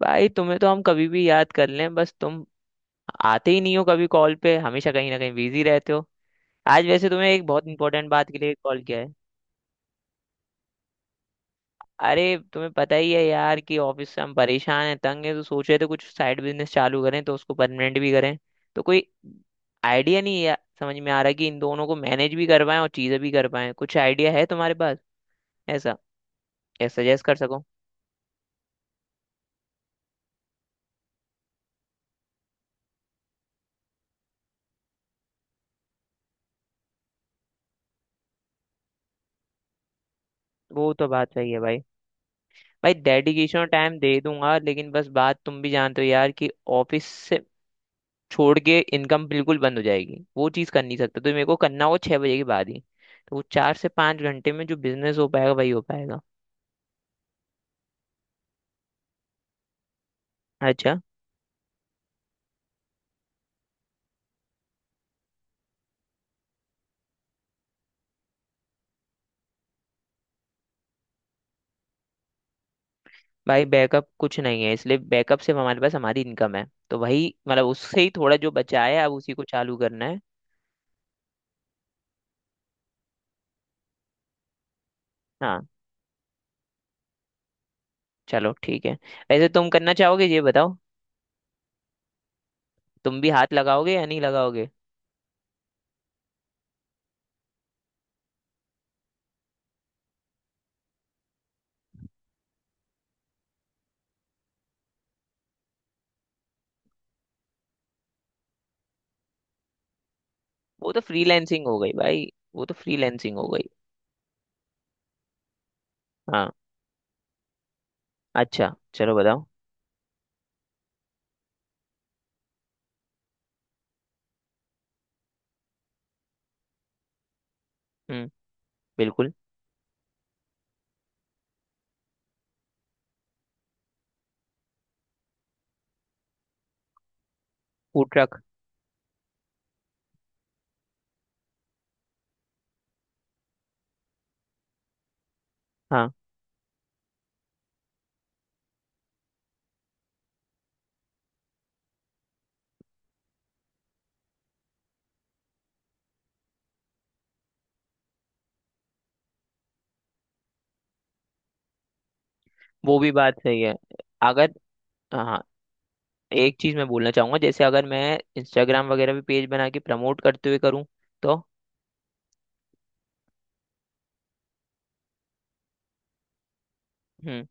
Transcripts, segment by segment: भाई तुम्हें तो हम कभी भी याद कर लें, बस तुम आते ही नहीं हो। कभी कॉल पे हमेशा कहीं ना कहीं बिजी रहते हो। आज वैसे तुम्हें एक बहुत इंपॉर्टेंट बात के लिए कॉल किया है। अरे, तुम्हें पता ही है यार कि ऑफिस से हम परेशान हैं, तंग हैं, तो सोच रहे थे कुछ साइड बिजनेस चालू करें तो उसको परमानेंट भी करें। तो कोई आइडिया नहीं है, समझ में आ रहा कि इन दोनों को मैनेज भी कर पाएं और चीज़ें भी कर पाएं। कुछ आइडिया है तुम्हारे पास ऐसा या सजेस्ट कर सको? वो तो बात सही है भाई। भाई डेडिकेशन और टाइम दे दूंगा, लेकिन बस बात तुम भी जानते हो यार कि ऑफिस से छोड़ के इनकम बिल्कुल बंद हो जाएगी, वो चीज़ कर नहीं सकता। तो मेरे को करना होगा 6 बजे के बाद ही। तो वो 4 से 5 घंटे में जो बिजनेस हो पाएगा, वही हो पाएगा। अच्छा। भाई बैकअप कुछ नहीं है, इसलिए बैकअप सिर्फ हमारे पास हमारी इनकम है, तो वही मतलब उससे ही थोड़ा जो बचा है अब उसी को चालू करना है। हाँ। चलो ठीक है। वैसे तुम करना चाहोगे, ये बताओ। तुम भी हाथ लगाओगे या नहीं लगाओगे? वो तो फ्रीलैंसिंग हो गई भाई। वो तो फ्रीलैंसिंग हो गई। हाँ। अच्छा चलो बताओ। हम्म। बिल्कुल। Food truck? हाँ। वो भी बात सही है। अगर, हाँ, एक चीज मैं बोलना चाहूंगा, जैसे अगर मैं इंस्टाग्राम वगैरह भी पेज बना के प्रमोट करते हुए करूँ तो? हम्म।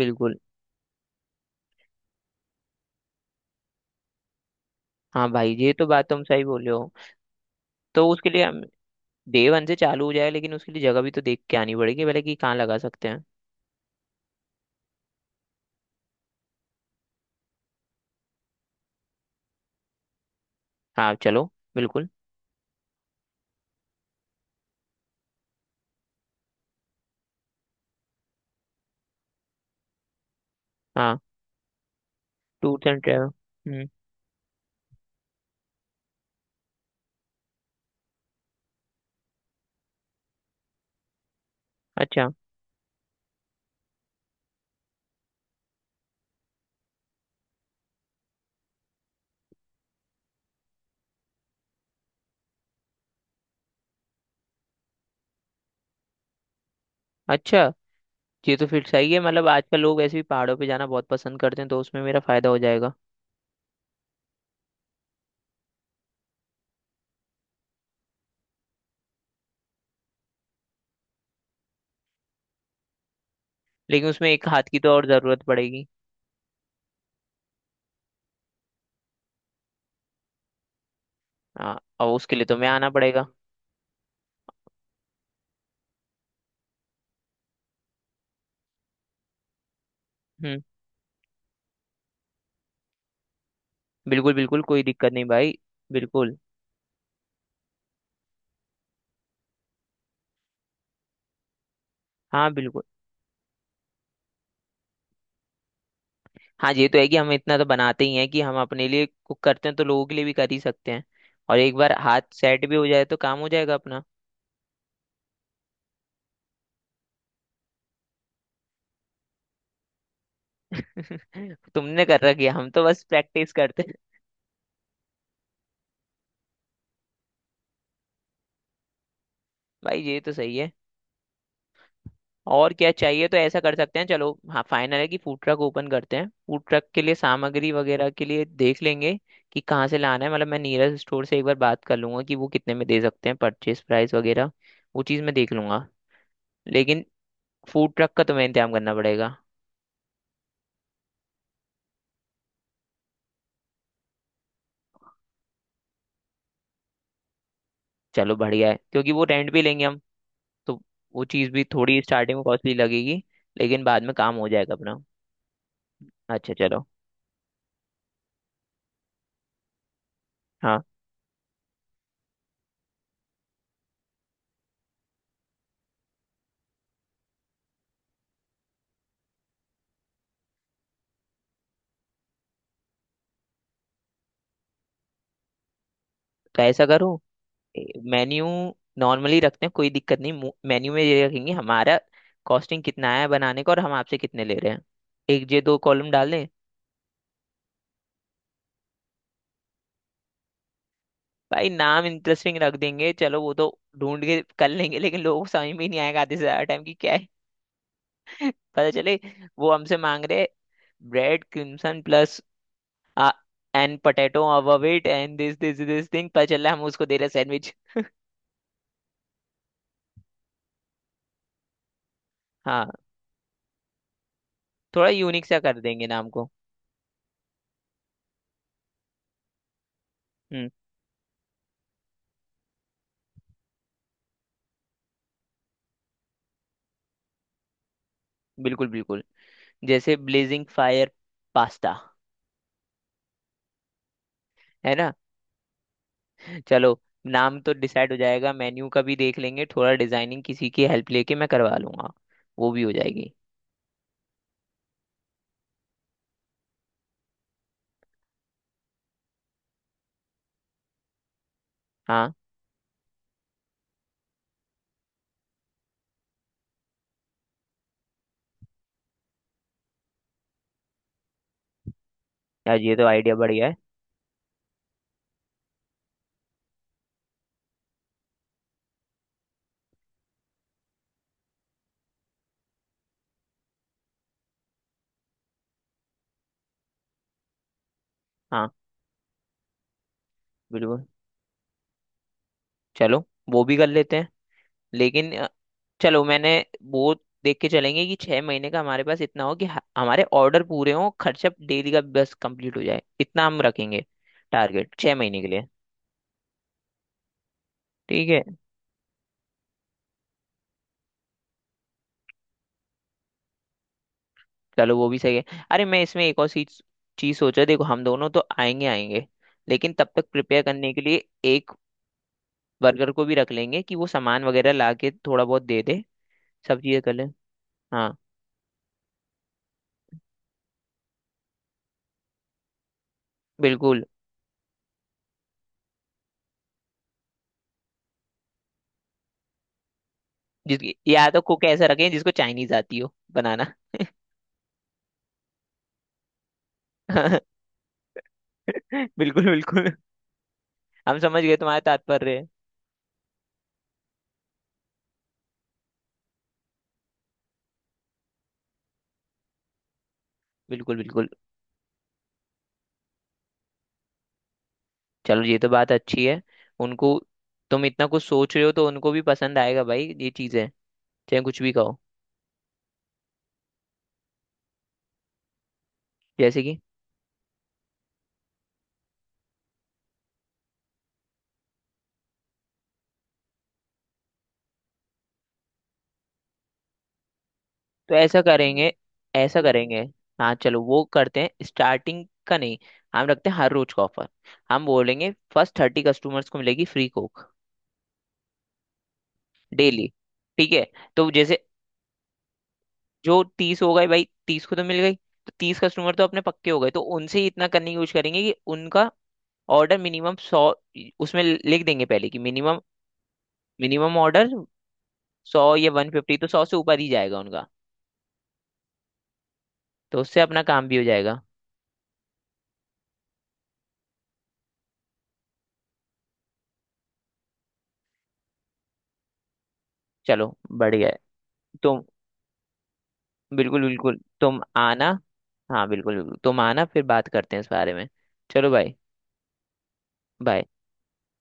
बिल्कुल। हाँ भाई ये तो बात तुम सही बोले हो। तो उसके लिए हम, डे वन से चालू हो जाए, लेकिन उसके लिए जगह भी तो देख के आनी पड़ेगी पहले कि कहाँ लगा सकते हैं। हाँ चलो। बिल्कुल। हाँ। Tours and travel. हम्म। अच्छा। अच्छा, ये तो फिर सही है। मतलब आजकल लोग ऐसे भी पहाड़ों पे जाना बहुत पसंद करते हैं तो उसमें मेरा फायदा हो जाएगा। लेकिन उसमें एक हाथ की तो और जरूरत पड़ेगी। हाँ, और उसके लिए तो मैं आना पड़ेगा। हम्म। बिल्कुल बिल्कुल, कोई दिक्कत नहीं भाई। बिल्कुल। हाँ बिल्कुल। हाँ ये तो है कि हम इतना तो बनाते ही हैं कि हम अपने लिए कुक करते हैं तो लोगों के लिए भी कर ही सकते हैं। और एक बार हाथ सेट भी हो जाए तो काम हो जाएगा अपना। तुमने कर रखी है, हम तो बस प्रैक्टिस करते हैं। भाई ये तो सही है। और क्या चाहिए, तो ऐसा कर सकते हैं। चलो, हाँ, फाइनल है कि फूड ट्रक ओपन करते हैं। फूड ट्रक के लिए सामग्री वगैरह के लिए देख लेंगे कि कहाँ से लाना है। मतलब मैं नीरज स्टोर से एक बार बात कर लूंगा कि वो कितने में दे सकते हैं, परचेज प्राइस वगैरह। वो चीज़ मैं देख लूंगा। लेकिन फूड ट्रक का तुम्हें इंतजाम करना पड़ेगा। चलो बढ़िया है, क्योंकि वो रेंट भी लेंगे हम, तो वो चीज़ भी थोड़ी स्टार्टिंग में कॉस्टली लगेगी लेकिन बाद में काम हो जाएगा अपना। अच्छा चलो। हाँ। तो ऐसा करो। मेन्यू नॉर्मली रखते हैं, कोई दिक्कत नहीं। मेन्यू में ये रखेंगे हमारा, कॉस्टिंग कितना है बनाने का और हम आपसे कितने ले रहे हैं, एक ये दो कॉलम डाल दें। भाई नाम इंटरेस्टिंग रख देंगे, चलो वो तो ढूंढ के कर लेंगे। लेकिन लोगों को समझ में ही नहीं आएगा आधे से ज्यादा टाइम की क्या पता चले। वो हमसे मांग रहे bread crimson plus and potato above it and this this this thing, पता चला हम उसको दे रहे सैंडविच। हाँ, थोड़ा यूनिक सा कर देंगे नाम को। हम्म। बिल्कुल बिल्कुल। जैसे ब्लेजिंग फायर पास्ता, है ना? चलो। नाम तो डिसाइड हो जाएगा, मेन्यू का भी देख लेंगे। थोड़ा डिजाइनिंग किसी की हेल्प लेके मैं करवा लूंगा। वो भी हो जाएगी। हाँ। यार ये तो आइडिया बढ़िया है। हाँ बिल्कुल। चलो वो भी कर लेते हैं। लेकिन, चलो मैंने वो देख के चलेंगे कि 6 महीने का हमारे पास इतना हो कि हमारे ऑर्डर पूरे हों, खर्चा डेली का बस कंप्लीट हो जाए, इतना हम रखेंगे। टारगेट 6 महीने के लिए। ठीक है। चलो वो भी सही है। अरे मैं इसमें एक और चीज चीज सोचा, देखो हम दोनों तो आएंगे आएंगे लेकिन तब तक प्रिपेयर करने के लिए एक वर्कर को भी रख लेंगे कि वो सामान वगैरह ला के थोड़ा बहुत दे दे, सब चीजें कर ले। हाँ। बिल्कुल। जिसकी, या तो कुक ऐसा रखें जिसको चाइनीज आती हो बनाना। बिल्कुल बिल्कुल। हम समझ गए तुम्हारा तात्पर्य। बिल्कुल बिल्कुल। चलो ये तो बात अच्छी है उनको। तुम इतना कुछ सोच रहे हो तो उनको भी पसंद आएगा भाई ये चीजें, चाहे कुछ भी कहो। जैसे कि? तो ऐसा करेंगे, ऐसा करेंगे। हाँ चलो वो करते हैं। स्टार्टिंग का नहीं, हम रखते हैं हर रोज का ऑफर। हम बोलेंगे फर्स्ट 30 कस्टमर्स को मिलेगी फ्री कोक डेली। ठीक है। तो जैसे, जो 30 हो गए भाई, 30 को तो मिल गई, तो 30 कस्टमर तो अपने पक्के हो गए, तो उनसे ही इतना करने की कोशिश करेंगे कि उनका ऑर्डर मिनिमम 100। उसमें लिख देंगे पहले कि मिनिमम, मिनिमम ऑर्डर 100 या 150, तो 100 से ऊपर ही जाएगा उनका। तो उससे अपना काम भी हो जाएगा। चलो बढ़िया है। तुम, बिल्कुल बिल्कुल तुम आना। हाँ बिल्कुल बिल्कुल तुम आना, फिर बात करते हैं इस बारे में। चलो भाई। बाय।